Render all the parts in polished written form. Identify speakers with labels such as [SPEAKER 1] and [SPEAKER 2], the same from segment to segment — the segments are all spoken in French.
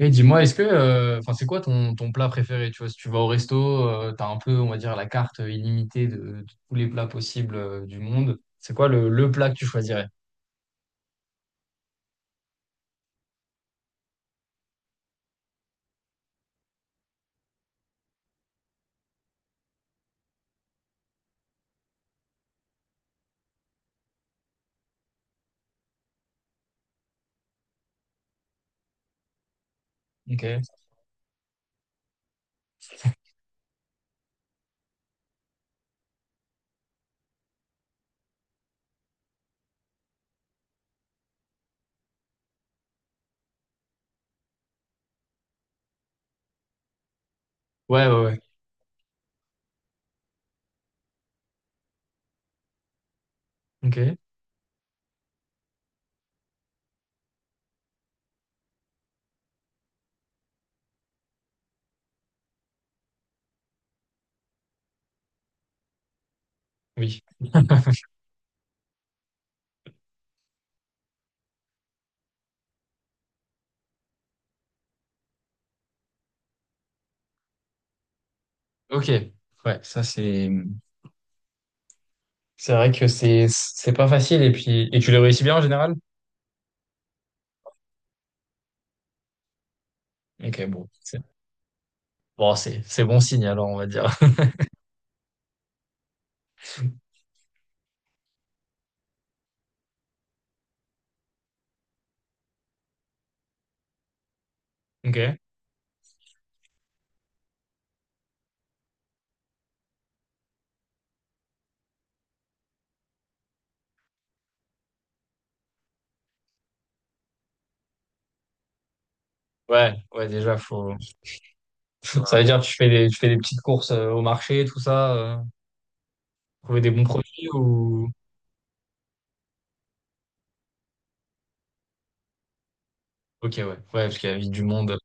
[SPEAKER 1] Et dis-moi, est-ce que, enfin, c'est quoi ton plat préféré? Tu vois, si tu vas au resto, t'as un peu, on va dire, la carte illimitée de tous les plats possibles, du monde. C'est quoi le plat que tu choisirais? Ok. Ouais, ouais, ouais. Ok. Oui. Ok. Ouais, ça c'est vrai que c'est pas facile, et puis, tu les réussis bien en général? Ok, bon, c'est bon signe alors, on va dire. Ok. Ouais, ouais, déjà, faut, ça veut dire que tu fais des petites courses au marché, tout ça, trouver des bons produits, ou OK, ouais. Ouais, parce qu'il y a vite du monde.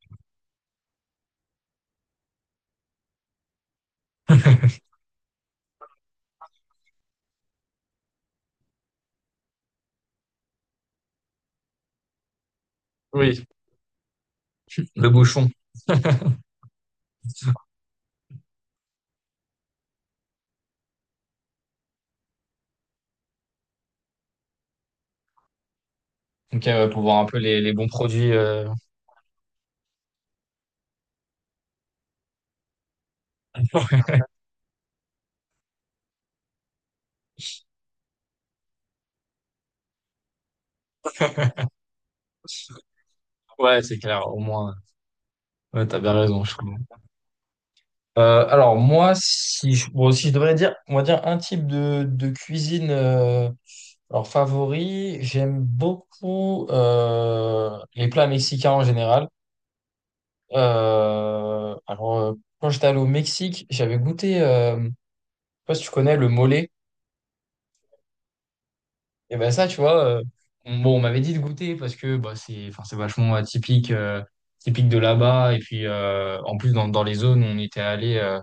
[SPEAKER 1] Oui, le bouchon. OK, ouais, pour voir un peu les, bons produits. Ouais, c'est clair, au moins. Ouais, t'as bien raison, je trouve. Alors, moi, si bon, si je devrais dire, on va dire un type de cuisine, alors, favori, j'aime beaucoup les plats mexicains en général. Euh, alors, euh, Quand j'étais allé au Mexique, j'avais goûté, je sais pas si tu connais, le mole. Et ben ça, tu vois, bon, on m'avait dit de goûter, parce que bah, c'est, enfin, c'est vachement atypique, typique de là-bas. Et puis, en plus, dans, les zones où on était allé,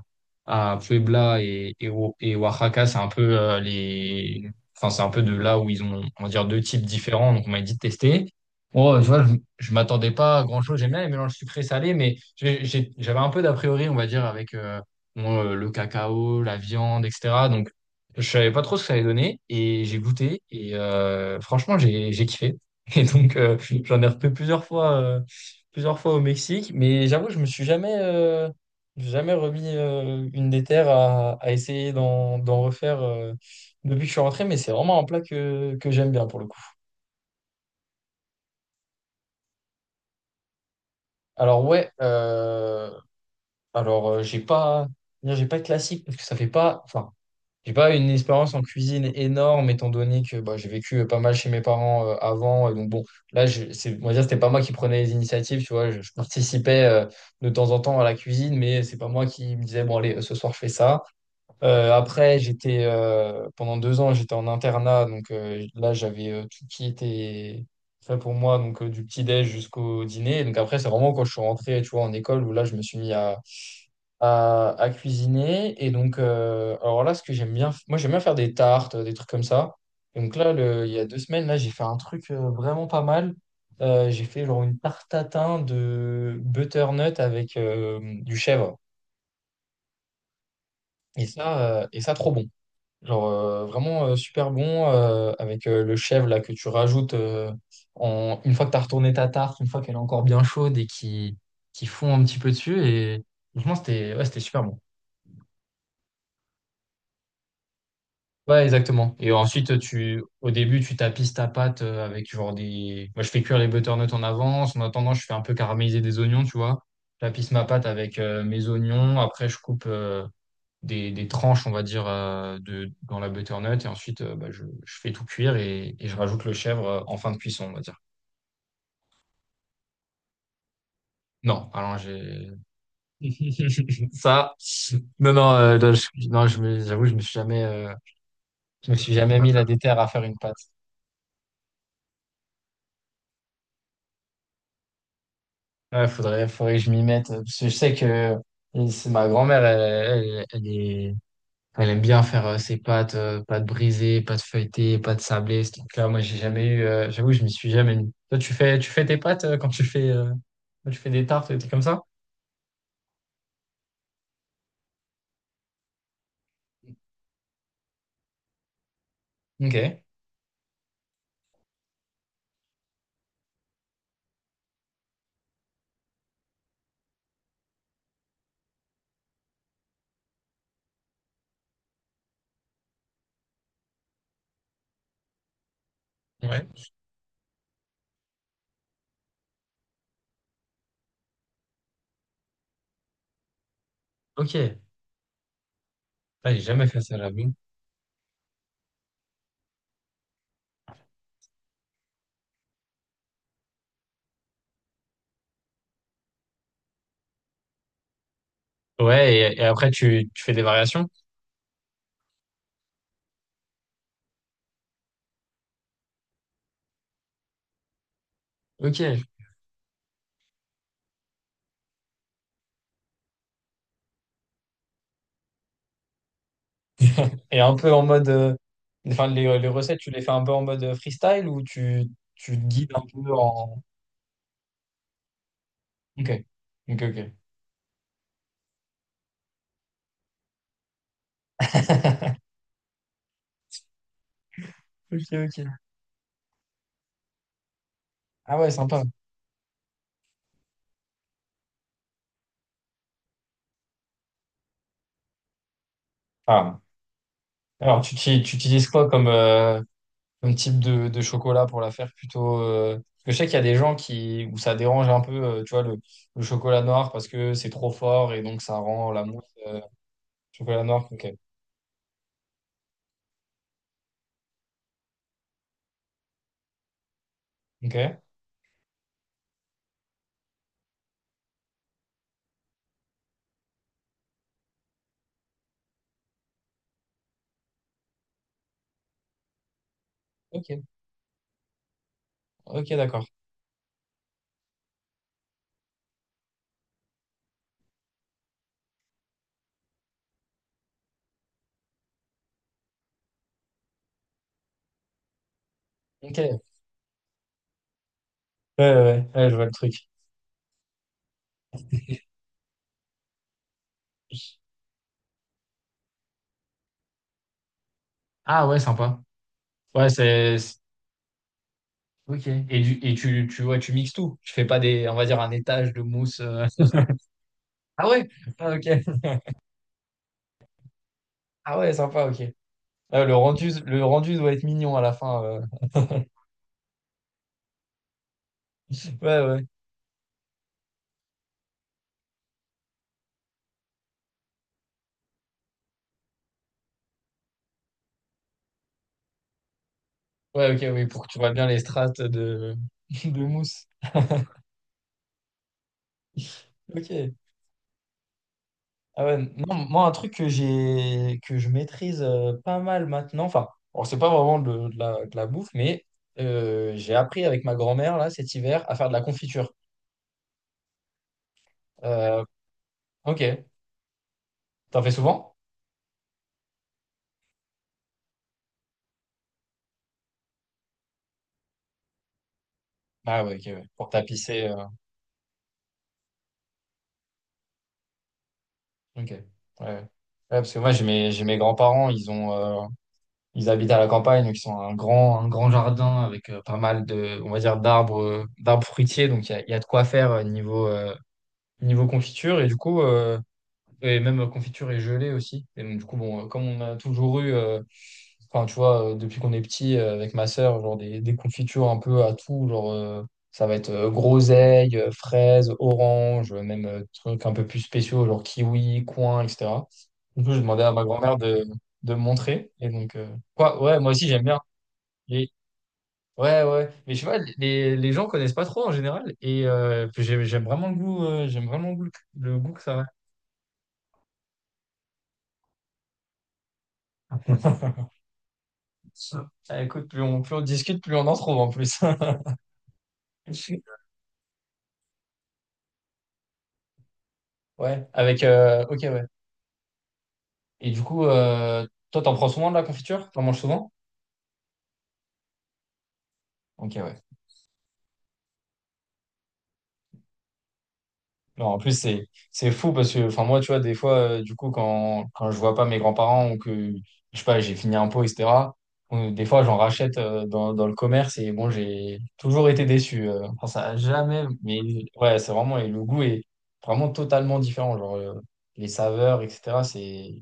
[SPEAKER 1] à Puebla et, et Oaxaca, c'est un peu enfin, c'est un peu de là où ils ont, on va dire, deux types différents. Donc, on m'avait dit de tester. Bon, tu vois, je m'attendais pas à grand-chose. J'aime bien les mélanges sucré-salé, mais j'avais un peu d'a priori, on va dire, avec bon, le cacao, la viande, etc. Donc, je savais pas trop ce que ça allait donner, et j'ai goûté et, franchement, j'ai kiffé. Et donc, j'en ai refait plusieurs fois au Mexique, mais j'avoue que je me suis jamais remis une des terres à essayer d'en refaire, depuis que je suis rentré, mais c'est vraiment un plat que j'aime bien pour le coup. Alors ouais, alors, j'ai pas de classique, parce que ça fait pas, enfin, j'ai pas une expérience en cuisine énorme, étant donné que bah, j'ai vécu pas mal chez mes parents, avant. Et donc bon, là, c'est, on va dire, c'était pas moi qui prenais les initiatives, tu vois. Je participais de temps en temps à la cuisine, mais c'est pas moi qui me disais, bon, allez, ce soir, je fais ça. Après, j'étais, pendant deux ans, j'étais en internat. Donc là, j'avais tout qui était fait pour moi, donc du petit-déj jusqu'au dîner. Donc après, c'est vraiment quand je suis rentré, tu vois, en école, où là, je me suis mis à cuisiner. Et donc, alors là, ce que j'aime bien, moi, j'aime bien faire des tartes, des trucs comme ça. Et donc là, il y a deux semaines, là, j'ai fait un truc, vraiment pas mal. J'ai fait genre une tarte tatin de butternut avec du chèvre. Et ça, trop bon. Genre vraiment super bon, avec le chèvre là que tu rajoutes, une fois que tu as retourné ta tarte, une fois qu'elle est encore bien chaude et qui fond un petit peu dessus. Et franchement, c'était, ouais, c'était super bon. Ouais, exactement. Et ensuite, au début, tu tapisses ta pâte, avec genre des. Moi, je fais cuire les butternuts en avance. En attendant, je fais un peu caraméliser des oignons, tu vois. Je tapisse ma pâte avec mes oignons. Après, je coupe des tranches, on va dire, dans la butternut. Et ensuite, bah, je fais tout cuire, et, je rajoute le chèvre, en fin de cuisson, on va dire. Non, alors j'ai. Ça. Non, non, là, non, j'avoue, je me suis jamais mis la déterre à faire une pâte. Ouais, faudrait que je m'y mette, parce que je sais que c'est ma grand-mère, elle aime bien faire ses pâtes, pâtes brisées, pâtes feuilletées, pâtes sablées, ce truc-là. Moi, j'ai jamais eu, j'avoue, je m'y suis jamais mis. Toi, tu fais tes pâtes quand tu fais des tartes, des trucs comme ça? Ok. Ouais. Ok. Ah, j'ai jamais fait ça, j'avoue. Ouais, et après, tu fais des variations? Ok. Et un peu en mode, enfin, les recettes, tu les fais un peu en mode, freestyle, ou tu te guides un peu en. Ok, ok, ok. Ok, ok. Ah ouais, sympa. Ah. Alors, tu utilises quoi comme, comme type de chocolat pour la faire plutôt, parce que je sais qu'il y a des gens qui, où ça dérange un peu, tu vois, le chocolat noir parce que c'est trop fort, et donc ça rend la mousse chocolat noir. Ok, ok, ok, ok, d'accord. Ok, ouais, ouais, ouais, ouais, je vois le truc. Ah ouais, sympa. Ouais. Ok. Et, et ouais, tu mixes tout. Tu fais pas on va dire, un étage de mousse. Ah ouais? Ah, ok. Ah ouais, sympa, ok. Ah, le rendu doit être mignon à la fin. Ouais, ouais. Ouais, ok, oui, pour que tu vois bien les strates de, de mousse. Ok. Ah ouais, non, moi, un truc que j'ai, que je maîtrise pas mal maintenant, enfin, bon, c'est pas vraiment de la bouffe, mais j'ai appris avec ma grand-mère, là, cet hiver, à faire de la confiture. Euh, ok. T'en fais souvent? Ah ouais, ok, ouais. Pour tapisser. Ok. Ouais. Ouais, parce que moi, j'ai mes grands-parents, ils ont. Ils habitent à la campagne, donc ils ont un grand, jardin avec pas mal de, on va dire, d'arbres, fruitiers. Donc il y a de quoi faire niveau confiture. Et du coup, et même confiture et gelée aussi. Et donc, du coup, bon, comme on a toujours eu, enfin, tu vois, depuis qu'on est petit, avec ma sœur, genre des confitures un peu à tout, genre, ça va être groseille, fraise, orange, même trucs un peu plus spéciaux, genre kiwi, coin, etc. Du coup, j'ai demandé à ma grand-mère de me montrer. Et donc, quoi, ouais, moi aussi, j'aime bien. Et, ouais, ouais. Mais je sais pas, les gens connaissent pas trop en général. Et puis j'aime vraiment le goût, le goût que ça a. Ah, écoute, plus on discute, plus on en trouve en plus. Ouais, ok, ouais. Et du coup, toi, t'en prends souvent de la confiture? T'en manges souvent? Ok, ouais. Non, en plus, c'est, fou parce que, enfin, moi, tu vois, des fois, du coup, quand je vois pas mes grands-parents, ou que, je sais pas, j'ai fini un pot, etc., ou des fois, j'en rachète dans le commerce, et bon, j'ai toujours été déçu. Enfin, ça a jamais, mais ouais, c'est vraiment, et le goût est vraiment totalement différent. Genre, les saveurs, etc., c'est,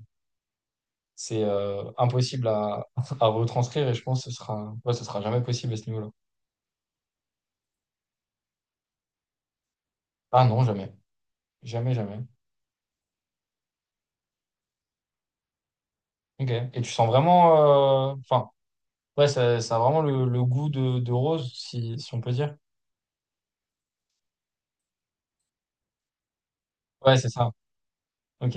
[SPEAKER 1] c'est euh, impossible à, à retranscrire, et je pense que ce sera, ouais, ce sera jamais possible à ce niveau-là. Ah non, jamais. Jamais, jamais. Ok. Et tu sens vraiment. Enfin, ouais, ça a vraiment le goût de rose, si on peut dire. Ouais, c'est ça. Ok.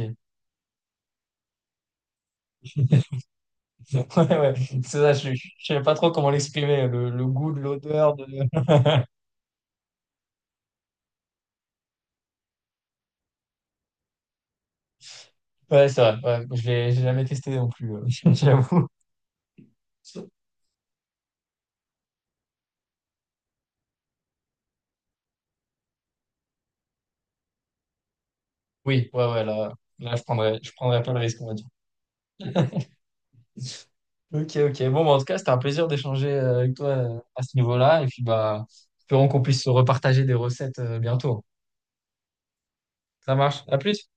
[SPEAKER 1] Ouais, ouais. C'est ça, je ne sais pas trop comment l'exprimer, le goût de l'odeur. Ouais, c'est vrai. Ouais, je l'ai j'ai jamais testé non plus, j'avoue. Oui, ouais, ouais, là je prendrais pas le risque, on va dire. Ok, ok. Bon, bah, en tout cas, c'était un plaisir d'échanger avec toi à ce niveau-là. Et puis, bah, espérons qu'on puisse se repartager des recettes bientôt. Ça marche. À plus.